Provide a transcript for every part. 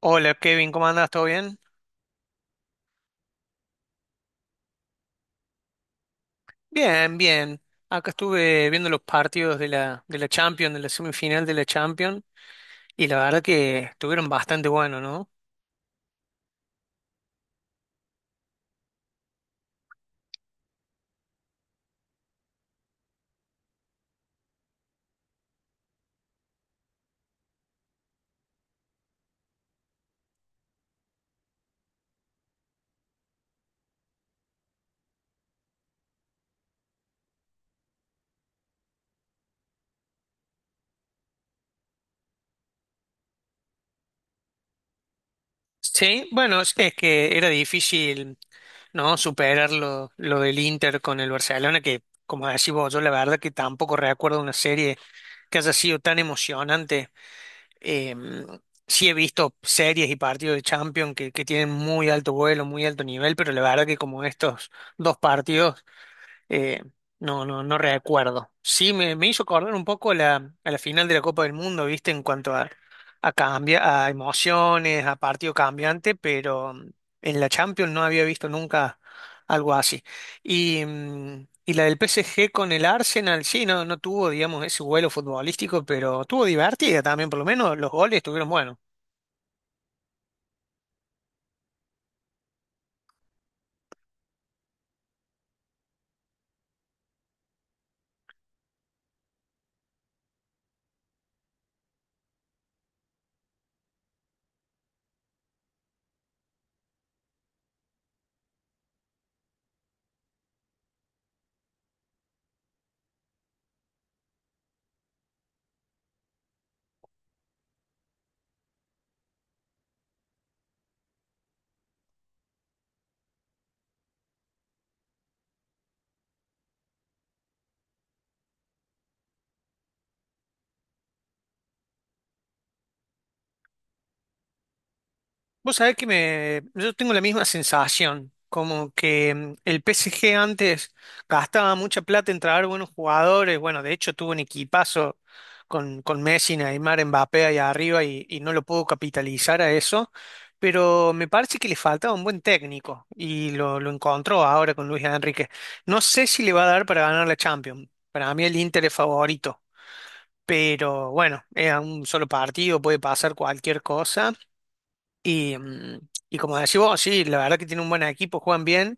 Hola Kevin, ¿cómo andás? ¿Todo bien? Bien, bien. Acá estuve viendo los partidos de la Champions, de la semifinal de la Champions, y la verdad que estuvieron bastante buenos, ¿no? Sí, bueno, es que era difícil, ¿no? Superar lo del Inter con el Barcelona, que como decís vos, yo la verdad que tampoco recuerdo una serie que haya sido tan emocionante. Eh, sí he visto series y partidos de Champions que tienen muy alto vuelo, muy alto nivel, pero la verdad que como estos dos partidos Eh, no recuerdo. Sí, me hizo acordar un poco a la final de la Copa del Mundo, ¿viste? En cuanto a, cambia, a emociones, a partido cambiante, pero en la Champions no había visto nunca algo así. Y la del PSG con el Arsenal, sí, no, no tuvo, digamos, ese vuelo futbolístico, pero tuvo divertida también, por lo menos los goles estuvieron buenos. Vos sabés que me, yo tengo la misma sensación, como que el PSG antes gastaba mucha plata en traer buenos jugadores, bueno, de hecho tuvo un equipazo con Messi, Neymar, Mbappé ahí arriba y no lo pudo capitalizar a eso, pero me parece que le faltaba un buen técnico y lo encontró ahora con Luis Enrique. No sé si le va a dar para ganar la Champions, para mí el Inter es favorito. Pero bueno, es a un solo partido, puede pasar cualquier cosa y, mm, y como decís vos, sí, la verdad que tiene un buen equipo, juegan bien,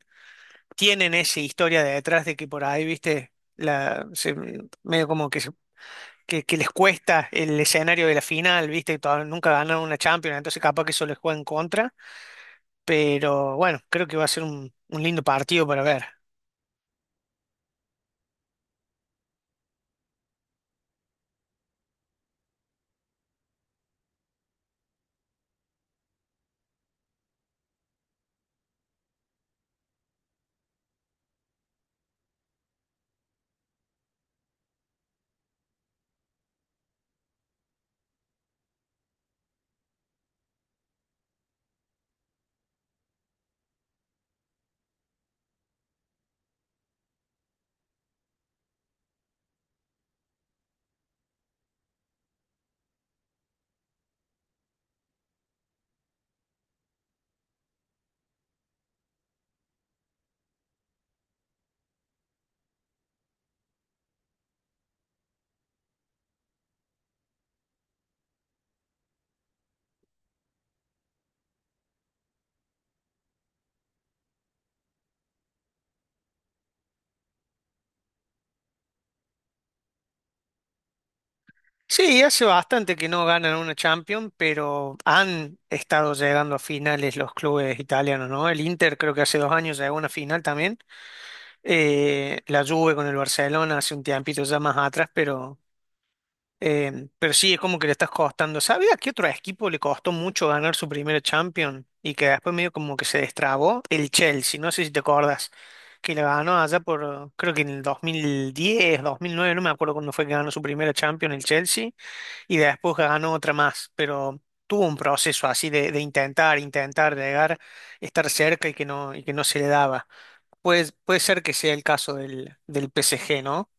tienen esa historia de detrás de que por ahí, viste, medio como que, que les cuesta el escenario de la final, viste, todavía nunca ganaron una Champions, entonces capaz que eso les juega en contra, pero bueno, creo que va a ser un lindo partido para ver. Sí, hace bastante que no ganan una Champions, pero han estado llegando a finales los clubes italianos, ¿no? El Inter creo que hace dos años llegó a una final también. La Juve con el Barcelona hace un tiempito ya más atrás, pero sí, es como que le estás costando. ¿Sabías qué otro equipo le costó mucho ganar su primera Champions y que después medio como que se destrabó? El Chelsea, no sé si te acuerdas, que le ganó allá por, creo que en el 2010, 2009, no me acuerdo cuándo fue que ganó su primera Champions el Chelsea. Y después ganó otra más, pero tuvo un proceso así de intentar, intentar llegar, estar cerca y que no se le daba. Puede, puede ser que sea el caso del PSG, ¿no?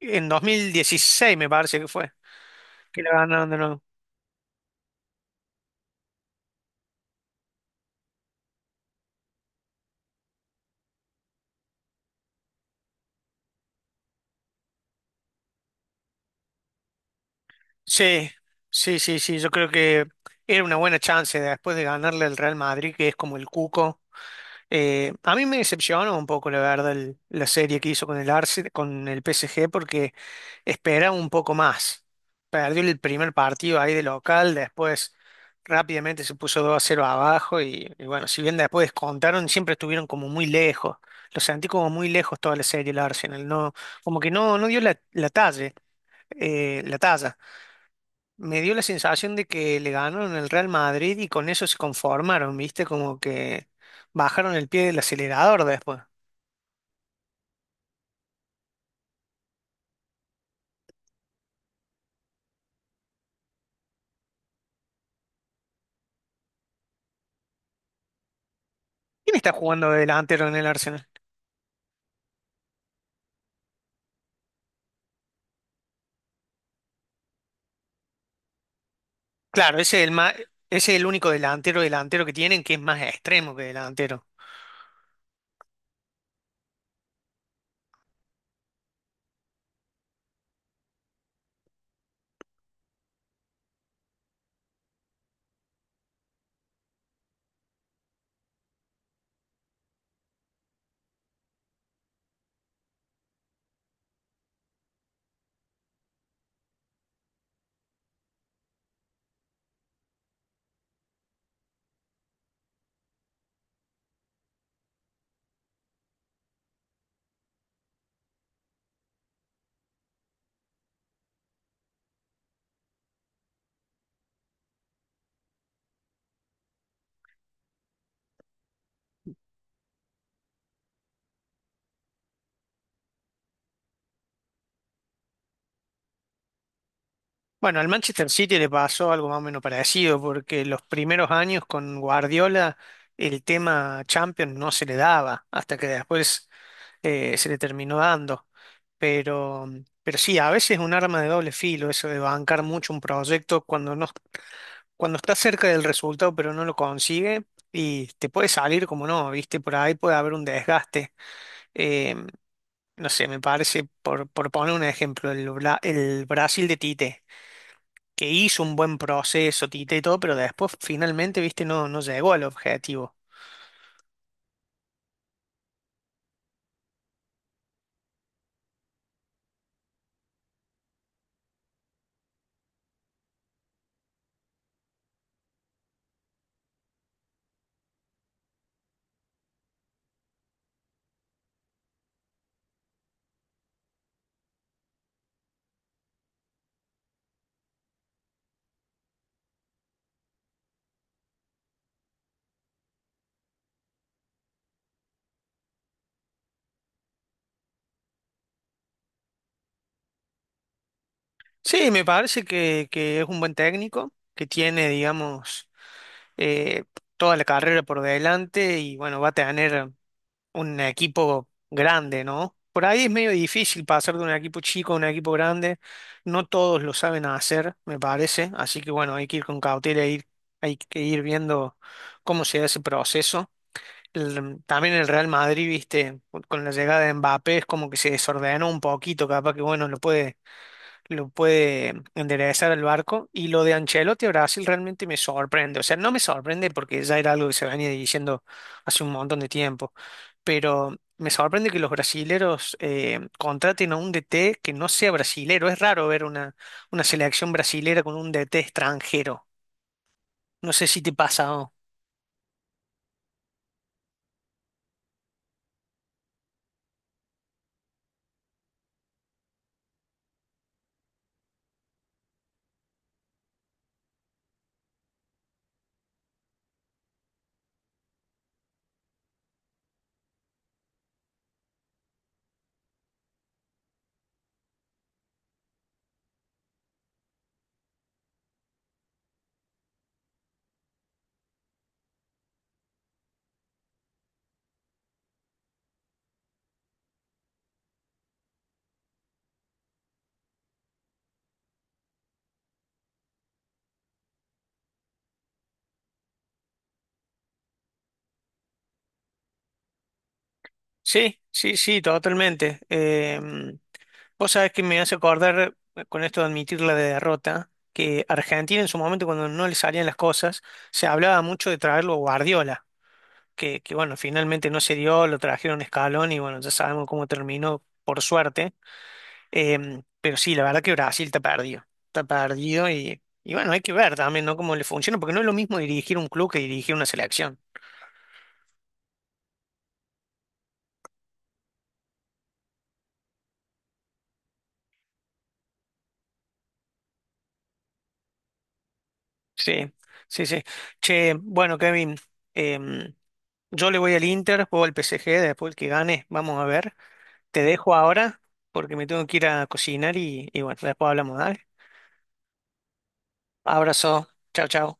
En 2016 me parece que fue, que la ganaron de nuevo. Sí, sí, sí, sí, yo creo que era una buena chance después de ganarle al Real Madrid, que es como el cuco. A mí me decepcionó un poco, la verdad, la serie que hizo con el Arsenal, con el PSG, porque esperaba un poco más. Perdió el primer partido ahí de local, después rápidamente se puso 2 a cero abajo y bueno, si bien después descontaron, siempre estuvieron como muy lejos. Lo sentí como muy lejos toda la serie el Arsenal, no, como que no, no dio la talla, la talla. Me dio la sensación de que le ganaron el Real Madrid y con eso se conformaron, ¿viste? Como que bajaron el pie del acelerador después. ¿Quién está jugando de delantero en el Arsenal? Claro, ese es ese es el único delantero delantero que tienen que es más extremo que delantero. Bueno, al Manchester City le pasó algo más o menos parecido, porque los primeros años con Guardiola el tema Champions no se le daba, hasta que después se le terminó dando. Pero, pero sí, a veces es un arma de doble filo eso de bancar mucho un proyecto cuando no, cuando está cerca del resultado pero no lo consigue y te puede salir como no, ¿viste? Por ahí puede haber un desgaste. Eh, no sé, me parece, por poner un ejemplo, el, el Brasil de Tite, que hizo un buen proceso, Tite y todo, pero después finalmente, ¿viste? No, no llegó al objetivo. Sí, me parece que es un buen técnico, que tiene, digamos, eh, toda la carrera por delante y bueno, va a tener un equipo grande, ¿no? Por ahí es medio difícil pasar de un equipo chico a un equipo grande. No todos lo saben hacer, me parece. Así que bueno, hay que ir con cautela, ir, hay que ir viendo cómo se da ese proceso. También el Real Madrid, viste, con la llegada de Mbappé es como que se desordenó un poquito, capaz que bueno, lo puede enderezar el barco. Y lo de Ancelotti a Brasil realmente me sorprende. O sea, no me sorprende porque ya era algo que se venía diciendo hace un montón de tiempo. Pero me sorprende que los brasileros contraten a un DT que no sea brasilero. Es raro ver una selección brasilera con un DT extranjero. No sé si te pasa. Sí, sí, sí, totalmente. Vos sabés que me hace acordar, con esto de admitir la derrota, que Argentina en su momento cuando no le salían las cosas, se hablaba mucho de traerlo a Guardiola, que bueno, finalmente no se dio, lo trajeron a Scaloni y bueno, ya sabemos cómo terminó, por suerte. Pero sí, la verdad que Brasil está perdido y bueno, hay que ver también, ¿no? Cómo le funciona, porque no es lo mismo dirigir un club que dirigir una selección. Sí, sí, sí. Che, bueno, Kevin, em, yo le voy al Inter, juego al PSG, después el que gane, vamos a ver. Te dejo ahora porque me tengo que ir a cocinar y bueno, después hablamos, dale. Abrazo, chao, chao.